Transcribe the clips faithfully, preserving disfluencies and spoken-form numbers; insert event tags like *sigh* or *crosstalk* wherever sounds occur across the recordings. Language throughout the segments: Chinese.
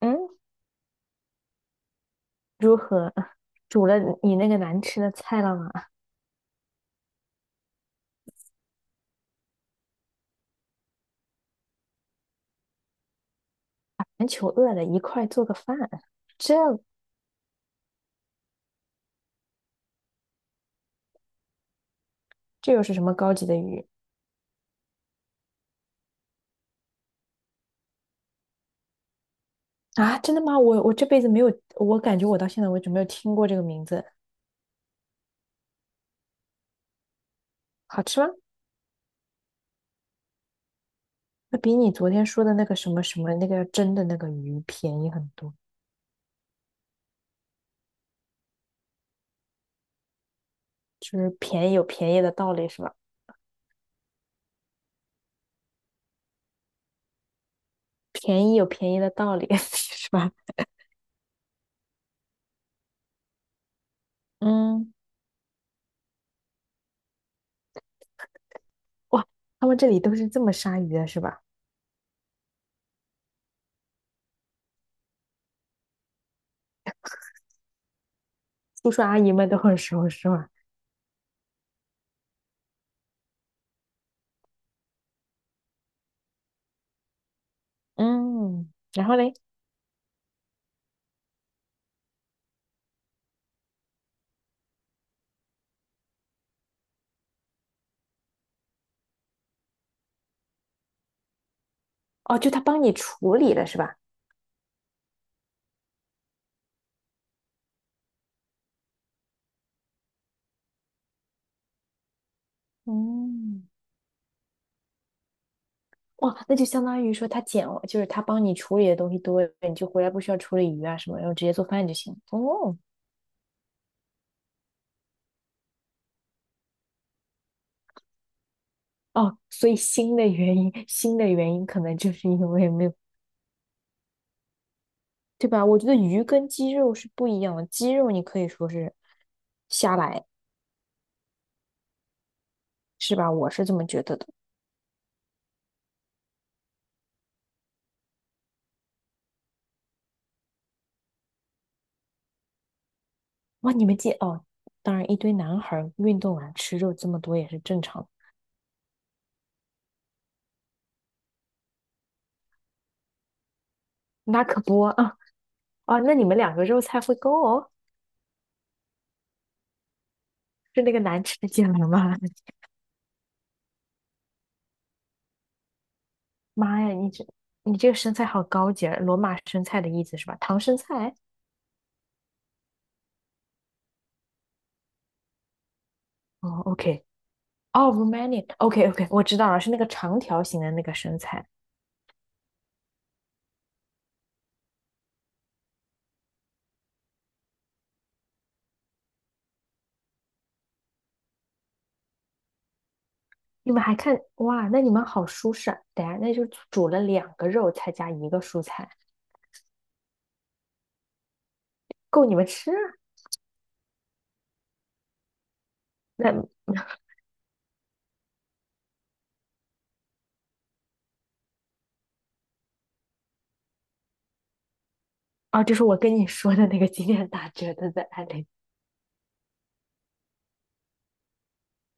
嗯，如何？煮了你那个难吃的菜了吗？全求饿了，一块做个饭。这这又是什么高级的鱼啊？真的吗？我我这辈子没有，我感觉我到现在为止没有听过这个名字。好吃吗？那比你昨天说的那个什么什么那个蒸的那个鱼便宜很多，就是便宜有便宜的道理是吧？便宜有便宜的道理 *laughs* 是吧？嗯，哇，他们这里都是这么杀鱼的是吧？叔叔阿姨们都很熟是吧？嗯，然后嘞？哦，就他帮你处理了是吧？嗯，哇，那就相当于说他捡，就是他帮你处理的东西多了，你就回来不需要处理鱼啊什么，然后直接做饭就行。哦哦，所以新的原因，新的原因可能就是因为没有，对吧？我觉得鱼跟鸡肉是不一样的，鸡肉你可以说是瞎来，是吧？我是这么觉得的。哇，你们鸡哦，当然一堆男孩儿运动完吃肉这么多也是正常的，那可不啊。啊，那你们两个肉菜会够。哦。是那个难吃的芥蓝吗？*laughs* 妈呀，你这你这个生菜好高级啊罗马生菜的意思是吧？唐生菜？哦，OK，哦 r o m a n i a o k OK，我知道了，是那个长条形的那个生菜。你们还看哇？那你们好舒适啊！等下，那就煮了两个肉，再加一个蔬菜，够你们吃啊。那啊，就是我跟你说的那个今天打折的在案例，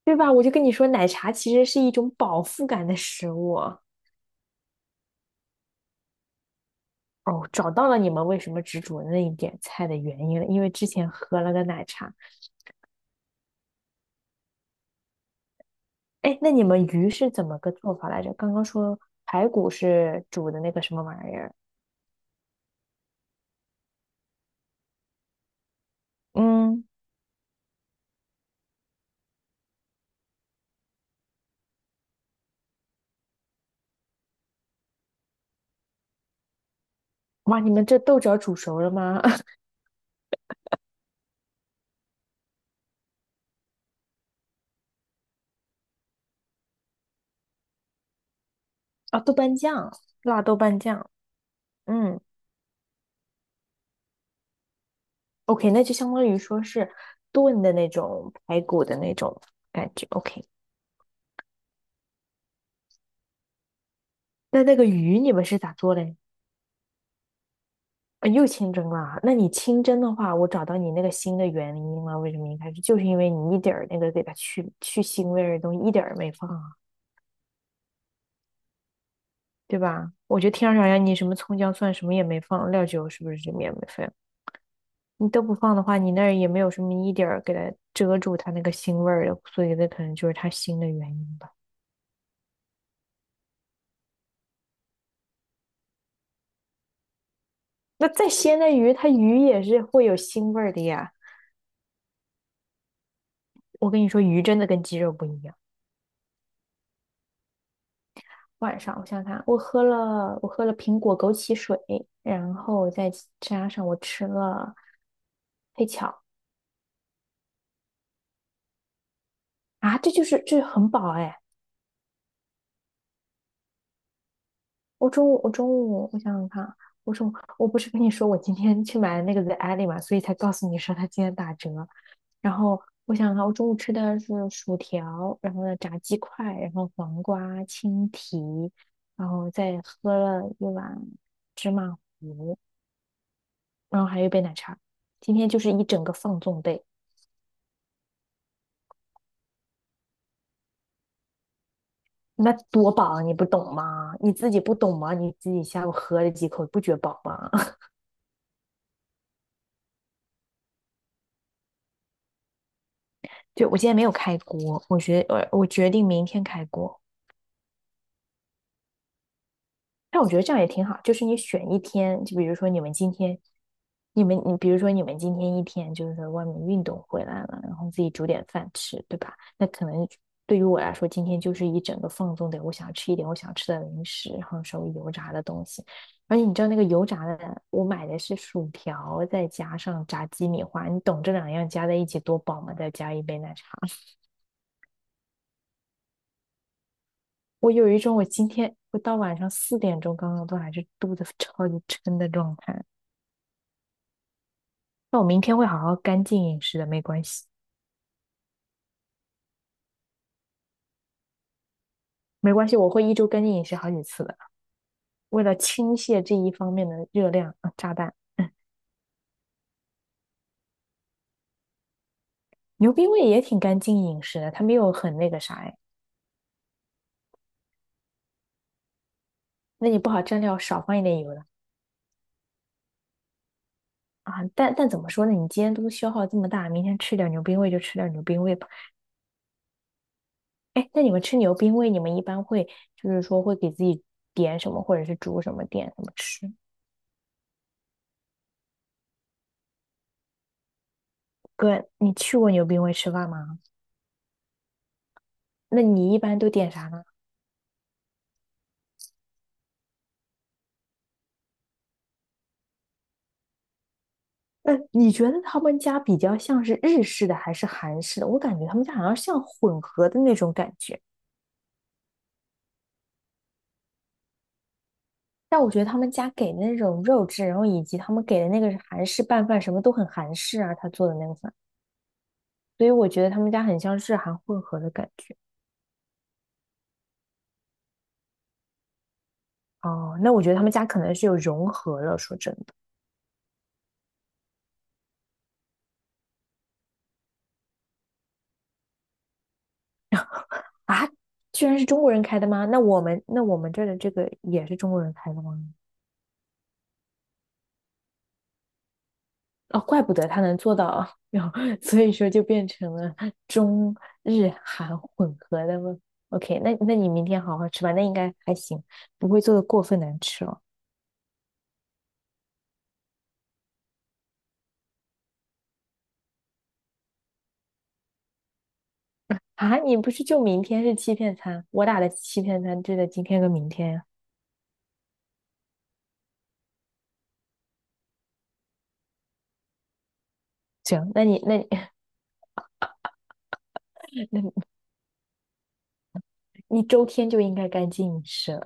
对吧？我就跟你说，奶茶其实是一种饱腹感的食物。哦，找到了你们为什么只煮那一点菜的原因了，因为之前喝了个奶茶。哎，那你们鱼是怎么个做法来着？刚刚说排骨是煮的那个什么玩意儿？嗯，哇，你们这豆角煮熟了吗？*laughs* 啊，豆瓣酱，辣豆瓣酱。嗯，OK，那就相当于说是炖的那种排骨的那种感觉。OK，那那个鱼你们是咋做嘞？啊，又清蒸了。那你清蒸的话，我找到你那个腥的原因了。为什么一开始就是因为你一点儿那个给它去去腥味儿的东西一点儿没放啊，对吧？我觉得天上好像你什么葱姜蒜什么也没放，料酒是不是这面也没放？你都不放的话，你那儿也没有什么一点儿给它遮住它那个腥味儿的，所以那可能就是它腥的原因吧。那再鲜的鱼，它鱼也是会有腥味儿的呀。我跟你说，鱼真的跟鸡肉不一样。晚上，我想想看，我喝了我喝了苹果枸杞水，然后再加上我吃了黑巧啊，这就是这很饱哎。我中午我中午我想想看，我中午我不是跟你说我今天去买了那个 The Alley 嘛，所以才告诉你说它今天打折。然后我想想看，我中午吃的是薯条，然后呢炸鸡块，然后黄瓜、青提，然后再喝了一碗芝麻，然后还有一杯奶茶。今天就是一整个放纵 day。那多饱，你不懂吗？你自己不懂吗？你自己下午喝了几口，不觉饱吗？*laughs* 对，我今天没有开锅，我决我我决定明天开锅。但我觉得这样也挺好，就是你选一天，就比如说你们今天，你们你比如说你们今天一天就是在外面运动回来了，然后自己煮点饭吃，对吧？那可能对于我来说，今天就是一整个放纵的，我想吃一点我想吃的零食，然后稍微油炸的东西。而且你知道那个油炸的，我买的是薯条，再加上炸鸡米花，你懂这两样加在一起多饱吗？再加一杯奶茶，*laughs* 我有一种我今天我到晚上四点钟刚刚都还是肚子 *laughs* 超级撑的状态。那我明天会好好干净饮食的，没关系，没关系，我会一周干净饮食好几次的，为了倾泻这一方面的热量啊，炸弹。牛逼味也挺干净饮食的，它没有很那个啥哎。那你不好蘸料少放一点油的啊。但但怎么说呢？你今天都消耗这么大，明天吃点牛冰味就吃点牛冰味吧。哎，那你们吃牛冰味，你们一般会就是说会给自己点什么，或者是煮什么，点什么吃？哥，你去过牛冰味吃饭吗？那你一般都点啥呢？那你觉得他们家比较像是日式的还是韩式的？我感觉他们家好像像混合的那种感觉，但我觉得他们家给的那种肉质，然后以及他们给的那个是韩式拌饭，什么都很韩式啊，他做的那个饭，所以我觉得他们家很像日韩混合的感觉。哦，那我觉得他们家可能是有融合了。说真的啊，居然是中国人开的吗？那我们那我们这儿的这个也是中国人开的吗？哦，怪不得他能做到啊，然后所以说就变成了中日韩混合的吗？OK，那那你明天好好吃吧，那应该还行，不会做的过分难吃哦。啊，你不是就明天是欺骗餐？我打的欺骗餐就在今天跟明天呀。行，那你那你 *laughs* 那你你周天就应该干净饮食了。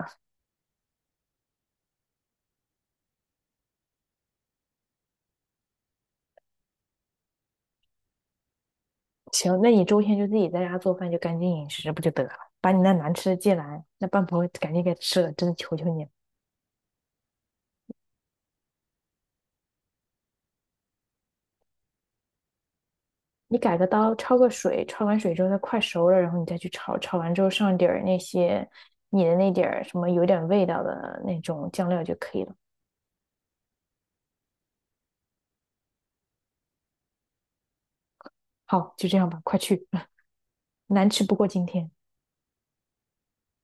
行，那你周天就自己在家做饭，就干净饮食不就得了？把你那难吃的芥蓝，那半盘赶紧给吃了，真的求求你了。你改个刀，焯个水，焯完水之后它快熟了，然后你再去炒，炒完之后上点儿那些你的那点儿什么有点味道的那种酱料就可以了。好，就这样吧，快去，*laughs* 难吃不过今天。